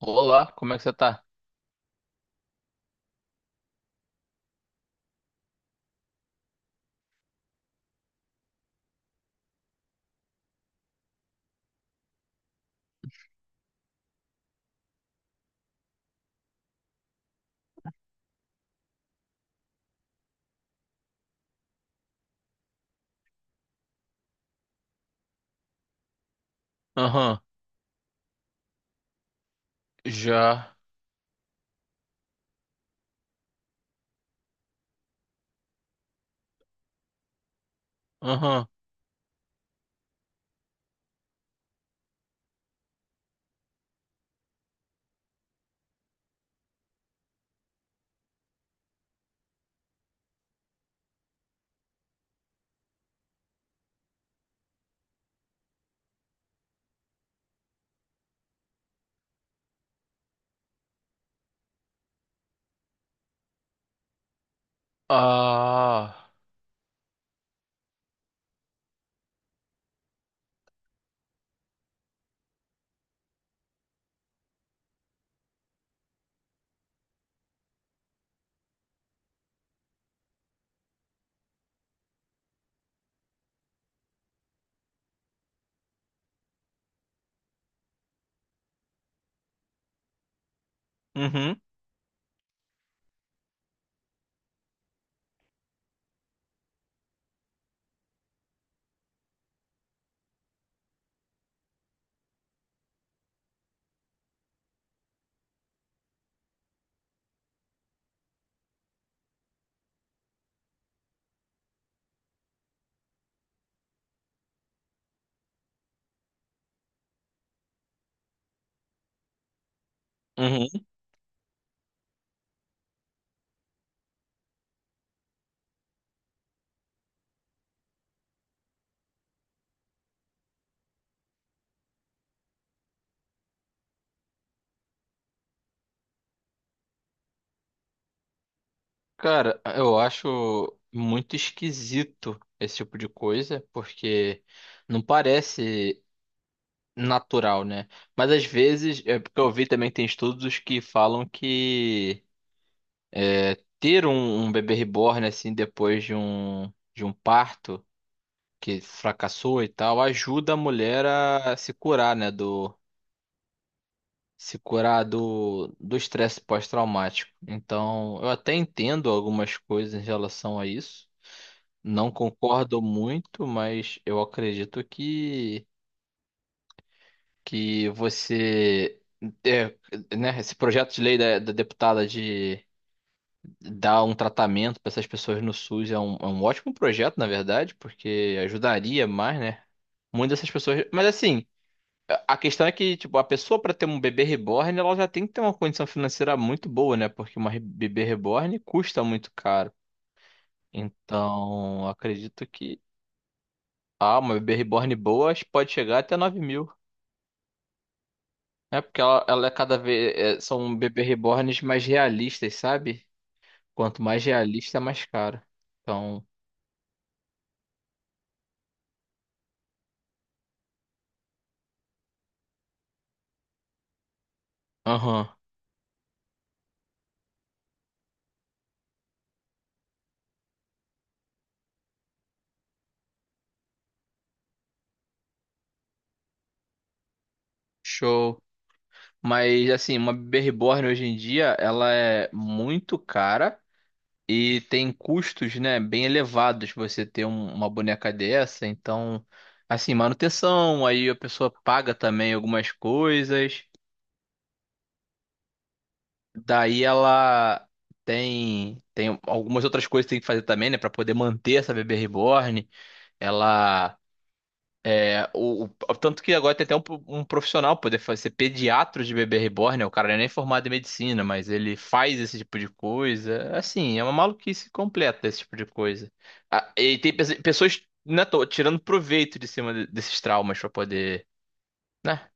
Olá, como é que você tá? Aham, já. Aham. Ah. Uhum, uhum. Cara, eu acho muito esquisito esse tipo de coisa, porque não parece natural, né? Mas às vezes, é porque eu vi também que tem estudos que falam que ter um bebê reborn assim depois de um parto que fracassou e tal, ajuda a mulher a se curar, né, Do se curar do estresse pós-traumático. Então, eu até entendo algumas coisas em relação a isso. Não concordo muito, mas eu acredito que é, né, esse projeto de lei da deputada de dar um tratamento para essas pessoas no SUS é um ótimo projeto, na verdade, porque ajudaria mais, né? Muitas dessas pessoas. Mas assim. A questão é que, tipo, a pessoa para ter um bebê reborn, ela já tem que ter uma condição financeira muito boa, né? Porque bebê reborn custa muito caro. Então, acredito que uma bebê reborn boa acho que pode chegar até 9 mil. É porque ela é cada vez é, são bebê reborns mais realistas, sabe? Quanto mais realista, mais caro. Então, aham, show. Mas assim, uma bebê reborn hoje em dia, ela é muito cara. E tem custos, né, bem elevados você ter uma boneca dessa. Então, assim, manutenção, aí a pessoa paga também algumas coisas. Daí ela tem algumas outras coisas que tem que fazer também, né, para poder manter essa bebê reborn. Ela É, o- Tanto que agora tem até um profissional poder ser pediatra de bebê reborn, né? O cara não é nem formado em medicina, mas ele faz esse tipo de coisa. Assim, é uma maluquice completa esse tipo de coisa. Ah, e tem pessoas, né, tô tirando proveito de cima desses traumas pra poder, né?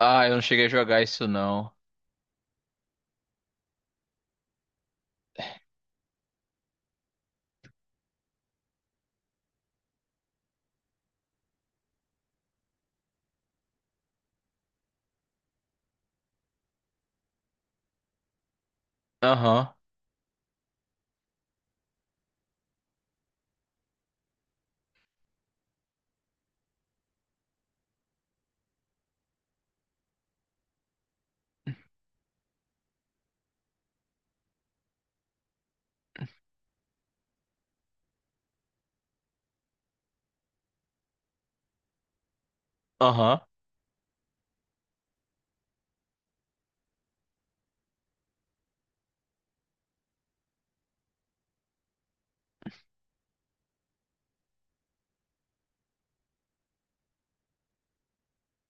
Ah, eu não cheguei a jogar isso não. Aham, aham.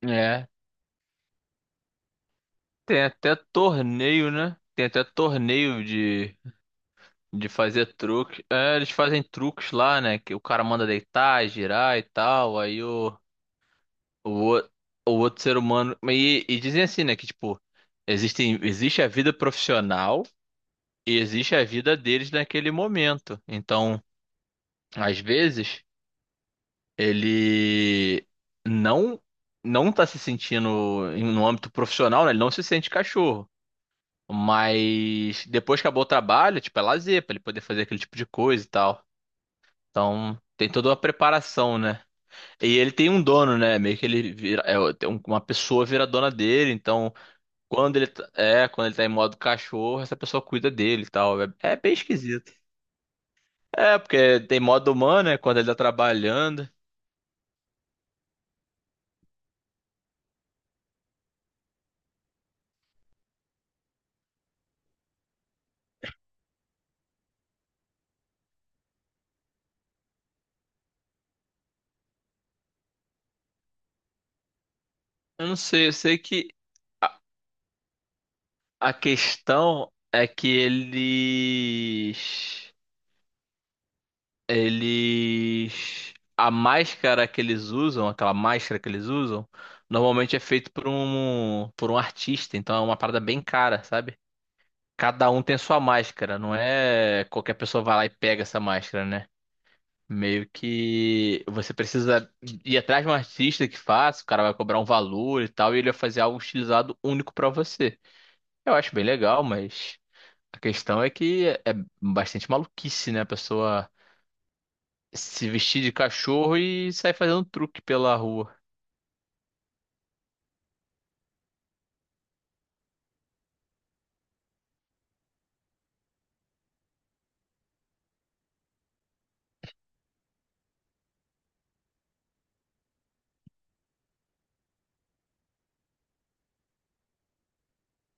É. Tem até torneio, né? Tem até torneio de fazer truque. É, eles fazem truques lá, né? Que o cara manda deitar, girar e tal. Aí o, o o outro ser humano. E dizem assim, né? Que tipo, existe a vida profissional e existe a vida deles naquele momento. Então, às vezes, ele não não tá se sentindo no âmbito profissional, né? Ele não se sente cachorro. Mas depois que acabou o trabalho, tipo, é lazer, pra ele poder fazer aquele tipo de coisa e tal. Então, tem toda uma preparação, né? E ele tem um dono, né? Meio que ele vira, é, tem uma pessoa vira dona dele, então quando ele tá, quando ele tá em modo cachorro, essa pessoa cuida dele e tal. É bem esquisito. É, porque tem modo humano, né? Quando ele tá trabalhando. Eu não sei, eu sei que a, a questão é que eles. A máscara que eles usam, aquela máscara que eles usam, normalmente é feito por um artista, então é uma parada bem cara, sabe? Cada um tem sua máscara, não é qualquer pessoa vai lá e pega essa máscara, né? Meio que você precisa ir atrás de um artista que faça, o cara vai cobrar um valor e tal, e ele vai fazer algo estilizado único pra você. Eu acho bem legal, mas a questão é que é bastante maluquice, né? A pessoa. Se vestir de cachorro e sair fazendo truque pela rua.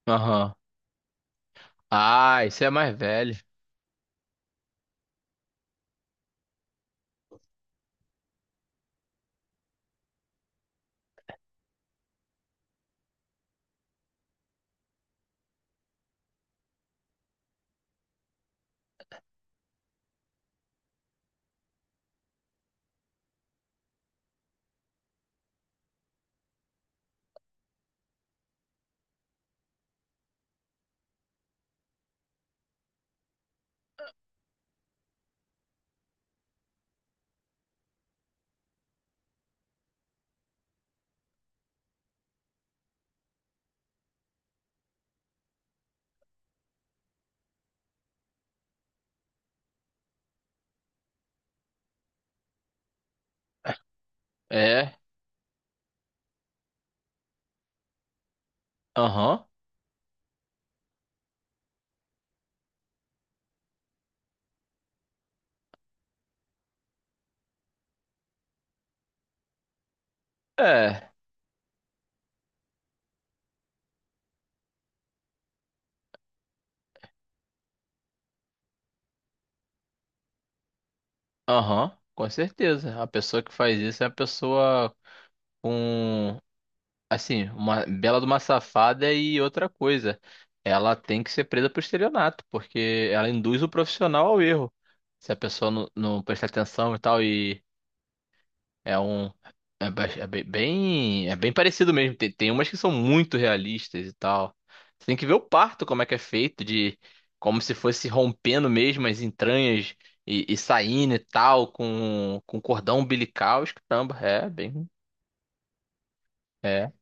Aham. Ah, isso é mais velho. É. Aham. É. Aham, com certeza. A pessoa que faz isso é uma pessoa com, assim, uma bela de uma safada e outra coisa. Ela tem que ser presa por estelionato, porque ela induz o profissional ao erro. Se a pessoa não prestar atenção e tal e É um. É, bem. É bem parecido mesmo. Tem umas que são muito realistas e tal. Você tem que ver o parto, como é que é feito, de como se fosse rompendo mesmo as entranhas e saindo e tal, com cordão umbilical. Os Caramba, é bem. É.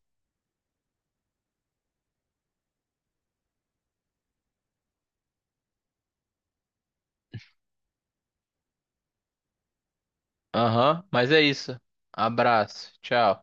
Aham, mas é isso. Abraço. Tchau.